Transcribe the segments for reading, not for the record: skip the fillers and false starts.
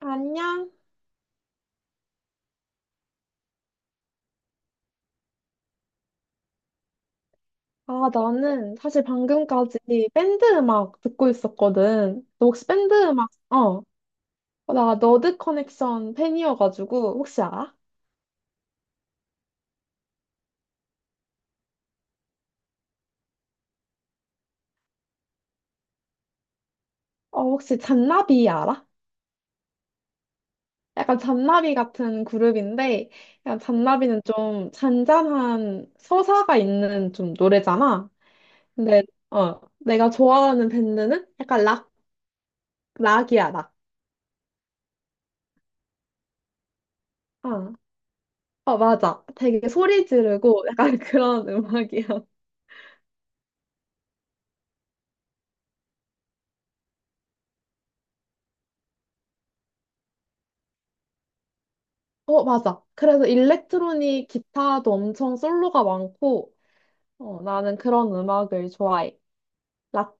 안녕? 아, 나는 사실 방금까지 밴드 음악 듣고 있었거든. 너 혹시 밴드 음악, 나 너드 커넥션 팬이어가지고, 혹시 알아? 어, 혹시 잔나비 알아? 약간 잔나비 같은 그룹인데, 약간 잔나비는 좀 잔잔한 서사가 있는 좀 노래잖아. 근데, 내가 좋아하는 밴드는 약간 락, 락이야, 락. 어, 맞아. 되게 소리 지르고 약간 그런 음악이야. 어, 맞아. 그래서 일렉트로닉 기타도 엄청 솔로가 많고, 나는 그런 음악을 좋아해. 라,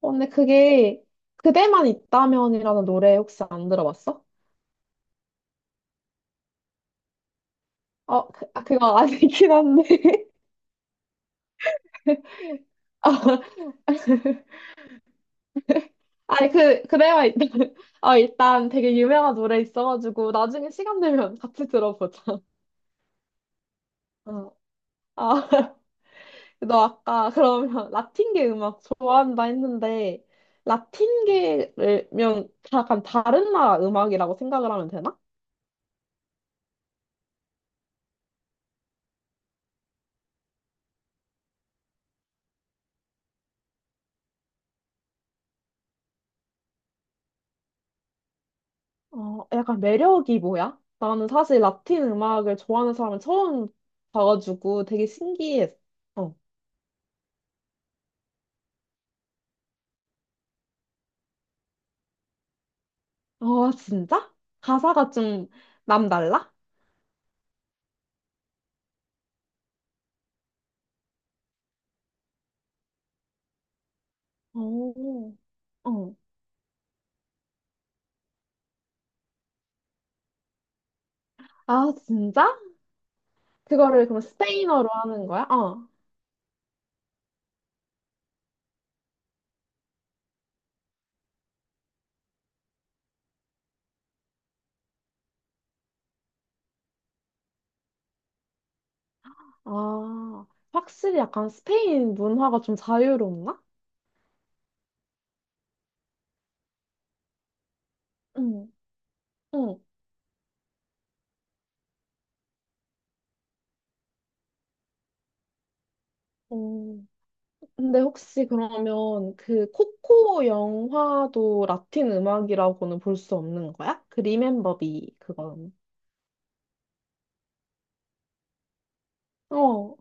근데 그게 그대만 있다면이라는 노래 혹시 안 들어봤어? 아, 그거 아니긴 한데. 어, 아니, 그대만 있다면. 일단 되게 유명한 노래 있어가지고, 나중에 시간 되면 같이 들어보자. 어, 아. 너 아까 그러면 라틴계 음악 좋아한다 했는데 라틴계면 약간 다른 나라 음악이라고 생각을 하면 되나? 약간 매력이 뭐야? 나는 사실 라틴 음악을 좋아하는 사람을 처음 봐가지고 되게 신기했어. 어, 진짜? 가사가 좀 남달라? 오. 어. 아, 진짜? 그거를 그럼 스페인어로 하는 거야? 어. 아, 확실히 약간 스페인 문화가 좀 자유롭나? 응, 응, 응. 근데 혹시 그러면 그 코코 영화도 라틴 음악이라고는 볼 수 없는 거야? 그 리멤버비 그건. 어.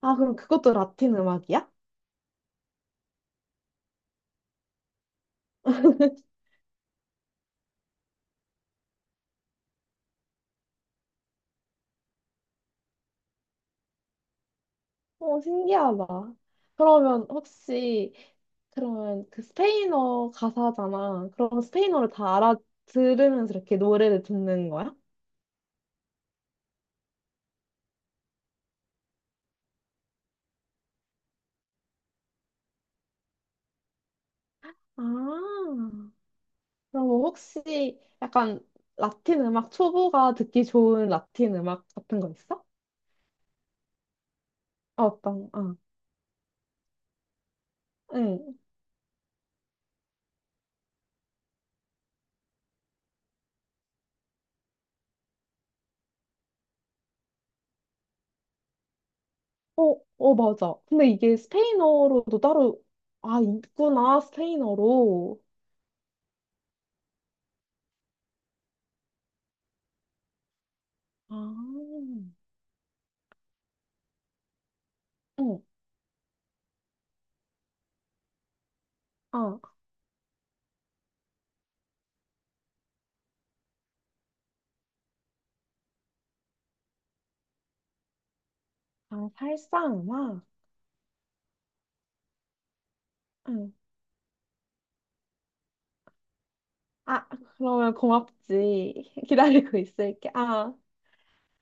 아, 그럼 그것도 라틴 음악이야? 어, 신기하다. 그러면 혹시 그러면 그 스페인어 가사잖아. 그럼 스페인어를 다 알아들으면서 이렇게 노래를 듣는 거야? 아, 그럼 혹시 약간 라틴 음악 초보가 듣기 좋은 라틴 음악 같은 거 있어? 아, 어떤, 아. 응. 어, 어, 맞아. 근데 이게 스페인어로도 따로, 아, 있구나, 스페인어로. 아, 응, 아 아, 살사 음악. 응. 아, 그러면 고맙지. 기다리고 있을게. 아,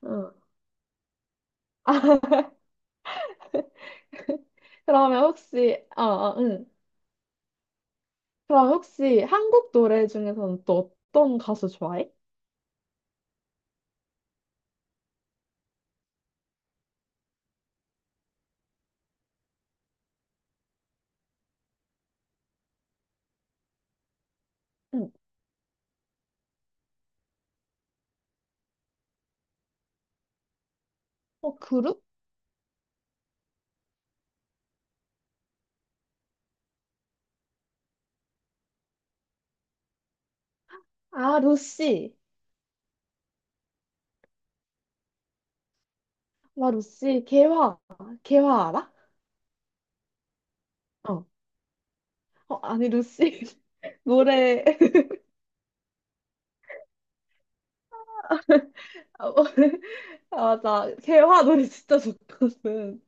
응. 아, 그러면 혹시, 어, 어, 응. 그럼 혹시 한국 노래 중에서는 또 어떤 가수 좋아해? 응. 어, 그룹? 아, 루시. 와, 루시. 개화. 개화 알아? 어. 어, 아니, 루시. 노래. 아, 뭐- 아, 맞아. 개화 노래 진짜 좋거든.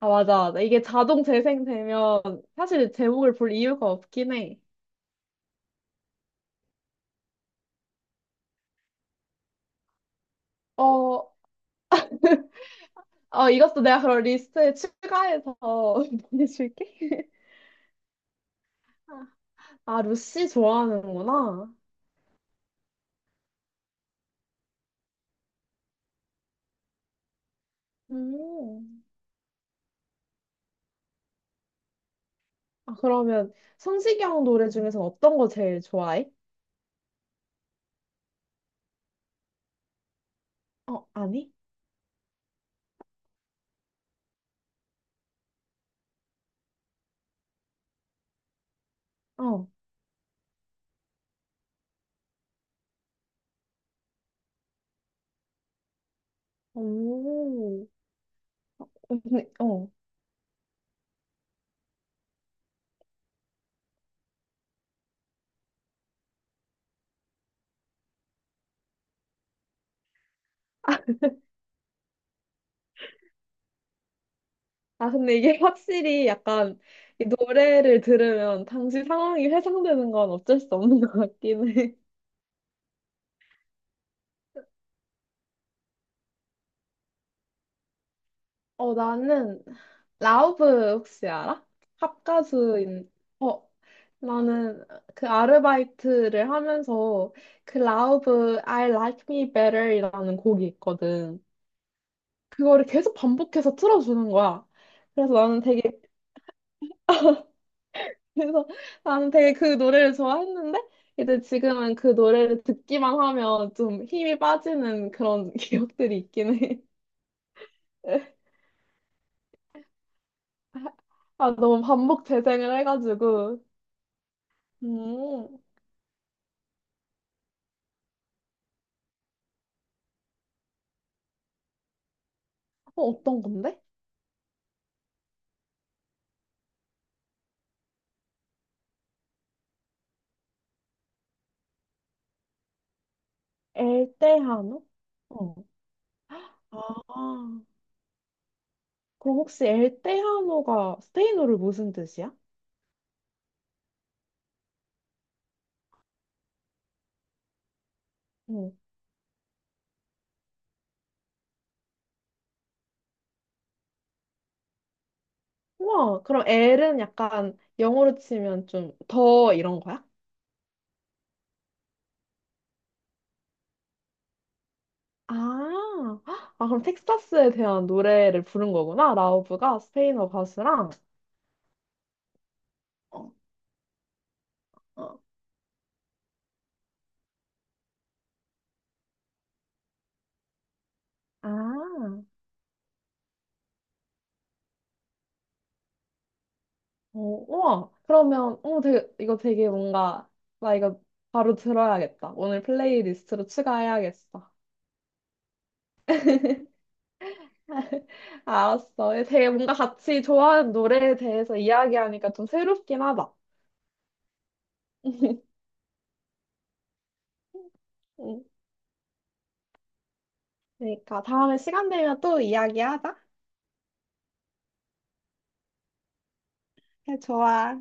아, 맞아, 맞아. 이게 자동 재생되면 사실 제목을 볼 이유가 없긴 해. 어, 이것도 내가 그런 리스트에 추가해서 보내줄게. 아, 루시 좋아하는구나. 음. 아, 그러면 성시경 노래 중에서 어떤 거 제일 좋아해? 어, 아니? 어. 오. 어, 근데, 어. 아, 근데 이게 확실히 약간 이 노래를 들으면 당시 상황이 회상되는 건 어쩔 수 없는 것 같긴 해. 나는 라우브 혹시 알아? 팝가수인. 어, 나는 그 아르바이트를 하면서 그 라우브 I Like Me Better이라는 곡이 있거든. 그거를 계속 반복해서 틀어주는 거야. 그래서 나는 되게, 그래서 나는 되게 그 노래를 좋아했는데, 이제 지금은 그 노래를 듣기만 하면 좀 힘이 빠지는 그런 기억들이 있긴 해. 아, 너무 반복 재생을 해가지고. 음, 어, 어떤 건데? 엘테하노? 어. 아, 그럼 혹시 엘테하노가 스페인어로 무슨 뜻이야? 어. 우와, 그럼 엘은 약간 영어로 치면 좀 더 이런 거야? 아, 아, 그럼 텍사스에 대한 노래를 부른 거구나. 라우브가 스페인어 가수랑. 어, 어. 아, 어, 우와. 그러면, 어, 되게, 이거 되게 뭔가, 나 이거 바로 들어야겠다. 오늘 플레이리스트로 추가해야겠어. 알았어. 되게 뭔가 같이 좋아하는 노래에 대해서 이야기하니까 좀 새롭긴 하다. 응. 그러니까 다음에 시간 되면 또 이야기하자. 그래, 좋아.